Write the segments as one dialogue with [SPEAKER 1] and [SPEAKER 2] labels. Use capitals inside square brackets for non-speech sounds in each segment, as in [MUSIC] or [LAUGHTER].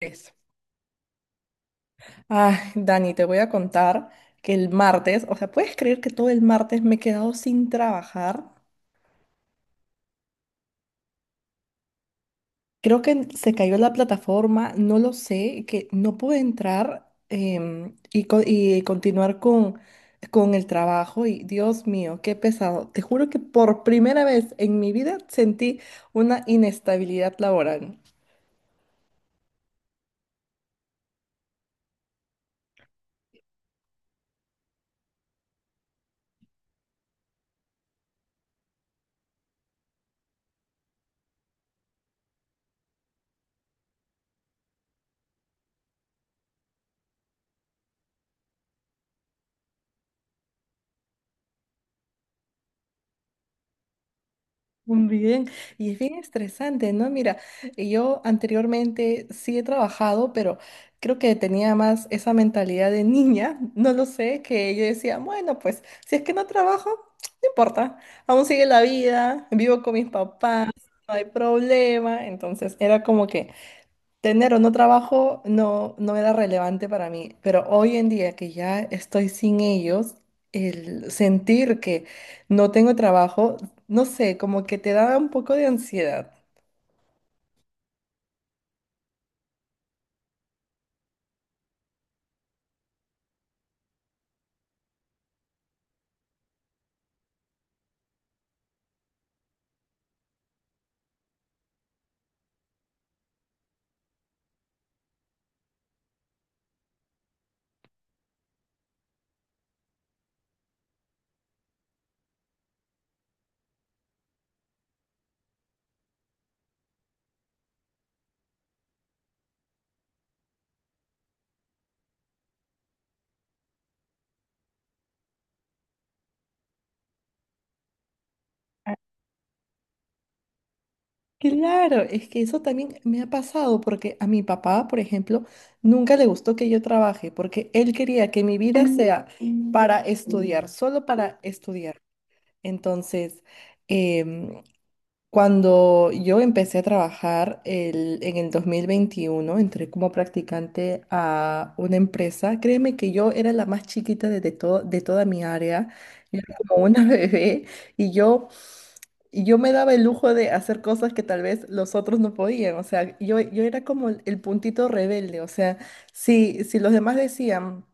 [SPEAKER 1] Eso. Ay, Dani, te voy a contar que el martes, o sea, ¿puedes creer que todo el martes me he quedado sin trabajar? Creo que se cayó la plataforma, no lo sé, que no pude entrar y, y continuar con el trabajo. Y Dios mío, qué pesado. Te juro que por primera vez en mi vida sentí una inestabilidad laboral. Mm, bien, y es bien estresante, ¿no? Mira, yo anteriormente sí he trabajado, pero creo que tenía más esa mentalidad de niña, [LAUGHS] no lo sé, que yo decía, bueno, pues si es que no trabajo, no importa, aún sigue la vida, vivo con mis papás, no hay problema, entonces era como que tener o no trabajo no, no era relevante para mí, pero hoy en día que ya estoy sin ellos, el sentir que no tengo trabajo, no sé, como que te da un poco de ansiedad. Claro, es que eso también me ha pasado porque a mi papá, por ejemplo, nunca le gustó que yo trabaje porque él quería que mi vida sea para estudiar, solo para estudiar. Entonces, cuando yo empecé a trabajar en el 2021 entré como practicante a una empresa. Créeme que yo era la más chiquita de, de toda mi área. Yo era como una [LAUGHS] bebé y yo, me daba el lujo de hacer cosas que tal vez los otros no podían. O sea, yo era como el puntito rebelde. O sea, si los demás decían,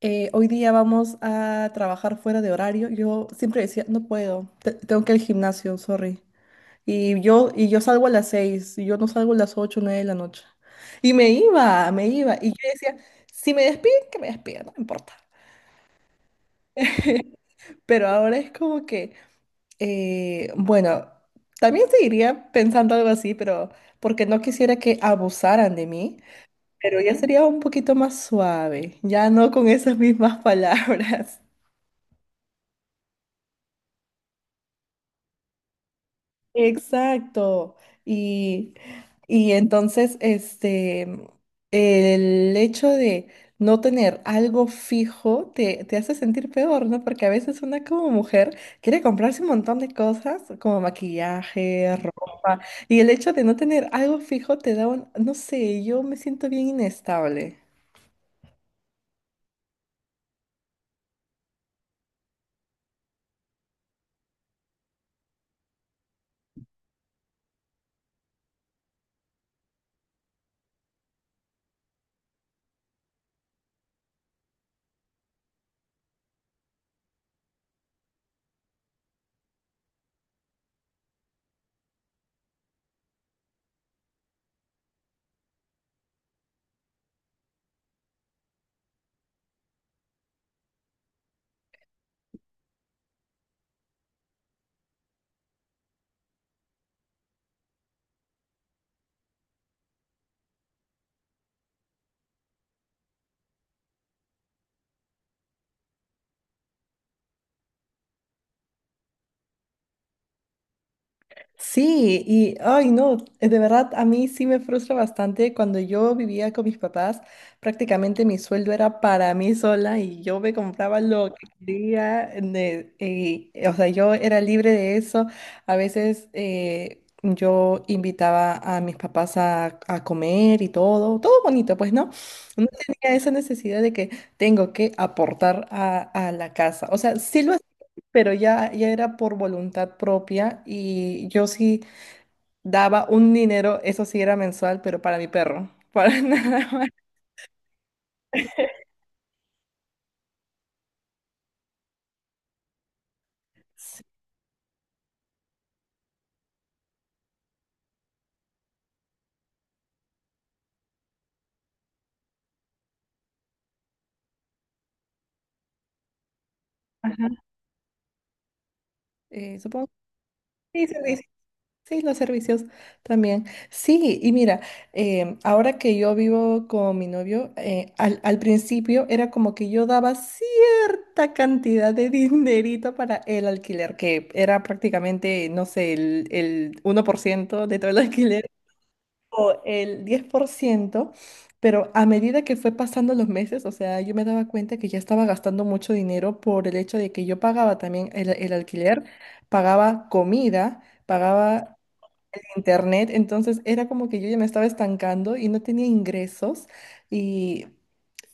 [SPEAKER 1] hoy día vamos a trabajar fuera de horario, yo siempre decía, no puedo, tengo que ir al gimnasio, sorry. Y yo, salgo a las 6, y yo no salgo a las 8, 9 de la noche. Y me iba, me iba. Y yo decía, si me despiden, que me despidan, no me importa. Pero ahora es como que, bueno, también seguiría pensando algo así, pero porque no quisiera que abusaran de mí, pero ya sería un poquito más suave, ya no con esas mismas [LAUGHS] palabras. Exacto. Y, entonces, este, el hecho de no tener algo fijo te, te hace sentir peor, ¿no? Porque a veces una como mujer quiere comprarse un montón de cosas, como maquillaje, ropa, y el hecho de no tener algo fijo te da un, no sé, yo me siento bien inestable. Sí, y ay no, de verdad a mí sí me frustra bastante. Cuando yo vivía con mis papás, prácticamente mi sueldo era para mí sola y yo me compraba lo que quería. Y, o sea, yo era libre de eso. A veces yo invitaba a mis papás a comer y todo, todo bonito, pues, ¿no? No tenía esa necesidad de que tengo que aportar a la casa. O sea, sí lo, pero ya, ya era por voluntad propia y yo sí daba un dinero, eso sí era mensual, pero para mi perro, para [LAUGHS] nada más. Ajá, supongo. Sí, servicios. Sí, los servicios también. Sí, y mira, ahora que yo vivo con mi novio, al, al principio era como que yo daba cierta cantidad de [LAUGHS] dinerito para el alquiler, que era prácticamente, no sé, el 1% de todo el alquiler. O el 10%. Pero a medida que fue pasando los meses, o sea, yo me daba cuenta que ya estaba gastando mucho dinero por el hecho de que yo pagaba también el alquiler, pagaba comida, pagaba internet, entonces era como que yo ya me estaba estancando y no tenía ingresos y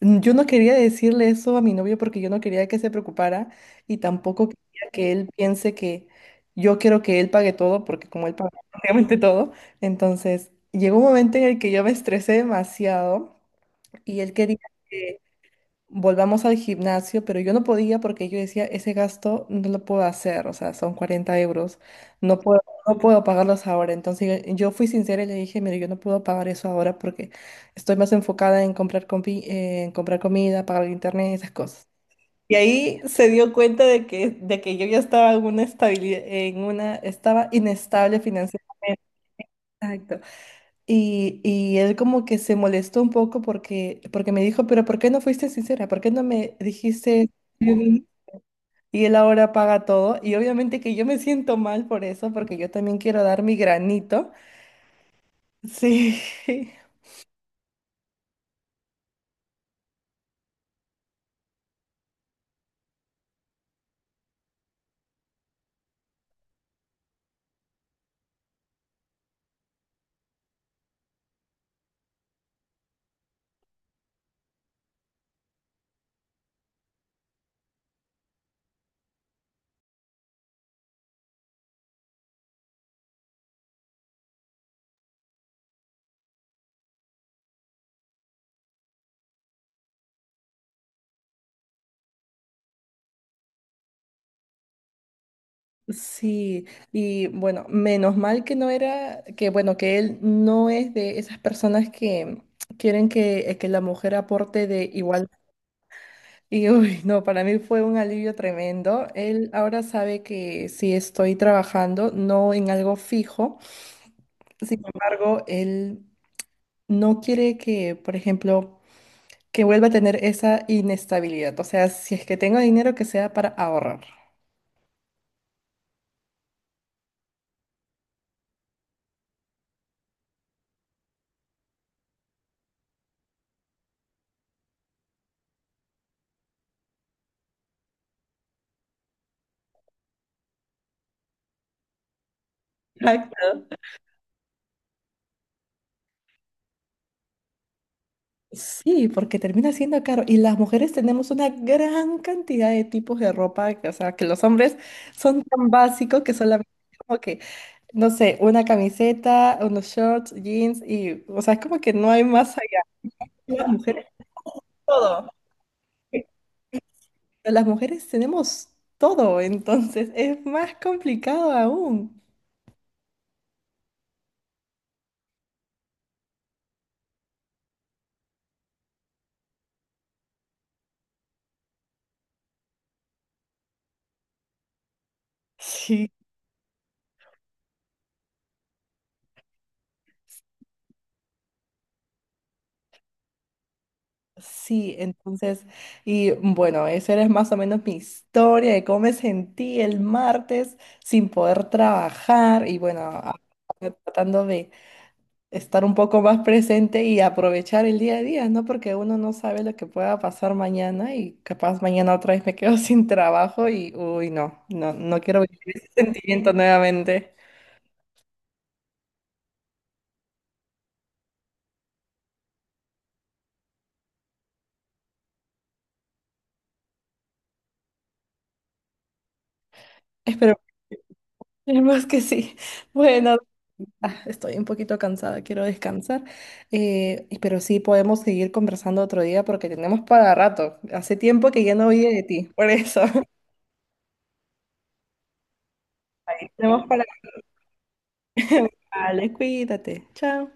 [SPEAKER 1] Yo no quería decirle eso a mi novio porque yo no quería que se preocupara y tampoco quería que él piense que yo quiero que él pague todo porque como él paga [LAUGHS] prácticamente todo, entonces llegó un momento en el que yo me estresé demasiado y él quería que volvamos al gimnasio, pero yo no podía porque yo decía, ese gasto no lo puedo hacer, o sea, son 40 euros, no puedo, no puedo pagarlos ahora. Entonces yo fui sincera y le dije, mire, yo no puedo pagar eso ahora porque estoy más enfocada en comprar, en comprar comida, pagar el internet, esas cosas. Y ahí se dio cuenta de que, yo ya estaba en una estabilidad, en una, estaba inestable financieramente. Exacto. Y, él como que se molestó un poco porque, me dijo, pero ¿por qué no fuiste sincera? ¿Por qué no me dijiste? Yo Y él ahora paga todo. Y obviamente que yo me siento mal por eso, porque yo también quiero dar mi granito. Sí, [LAUGHS] sí. Y bueno, menos mal que no era, que bueno, que él no es de esas personas que quieren que la mujer aporte de igual. Y uy, no, para mí fue un alivio tremendo. Él ahora sabe que sí estoy trabajando, no en algo fijo. Sin embargo, él no quiere que, por ejemplo, que vuelva a tener esa inestabilidad. O sea, si es que tengo dinero, que sea para ahorrar. Exacto. Sí, porque termina siendo caro. Y las mujeres tenemos una gran cantidad de tipos de ropa, que, o sea, que los hombres son tan básicos que solamente como que no sé, una camiseta, unos shorts, jeans y, o sea, es como que no hay más allá. Las mujeres, todo. Las mujeres tenemos todo, entonces [LAUGHS] es más complicado aún. Sí, sí, entonces, y bueno, esa era más o menos mi historia de cómo me sentí el martes sin poder trabajar y bueno, tratando de estar un poco más presente y aprovechar el día a día, ¿no? Porque uno no sabe lo que pueda pasar mañana y capaz mañana otra vez me quedo [LAUGHS] sin trabajo y, uy, no, no, no quiero vivir ese sentimiento nuevamente. Espero, [LAUGHS] esperemos que sí. Bueno, estoy un poquito cansada, quiero descansar, pero sí podemos seguir conversando otro día porque tenemos para rato. Hace tiempo que ya no oí de ti, por eso. [LAUGHS] Tenemos para... [LAUGHS] Vale, cuídate. Chao.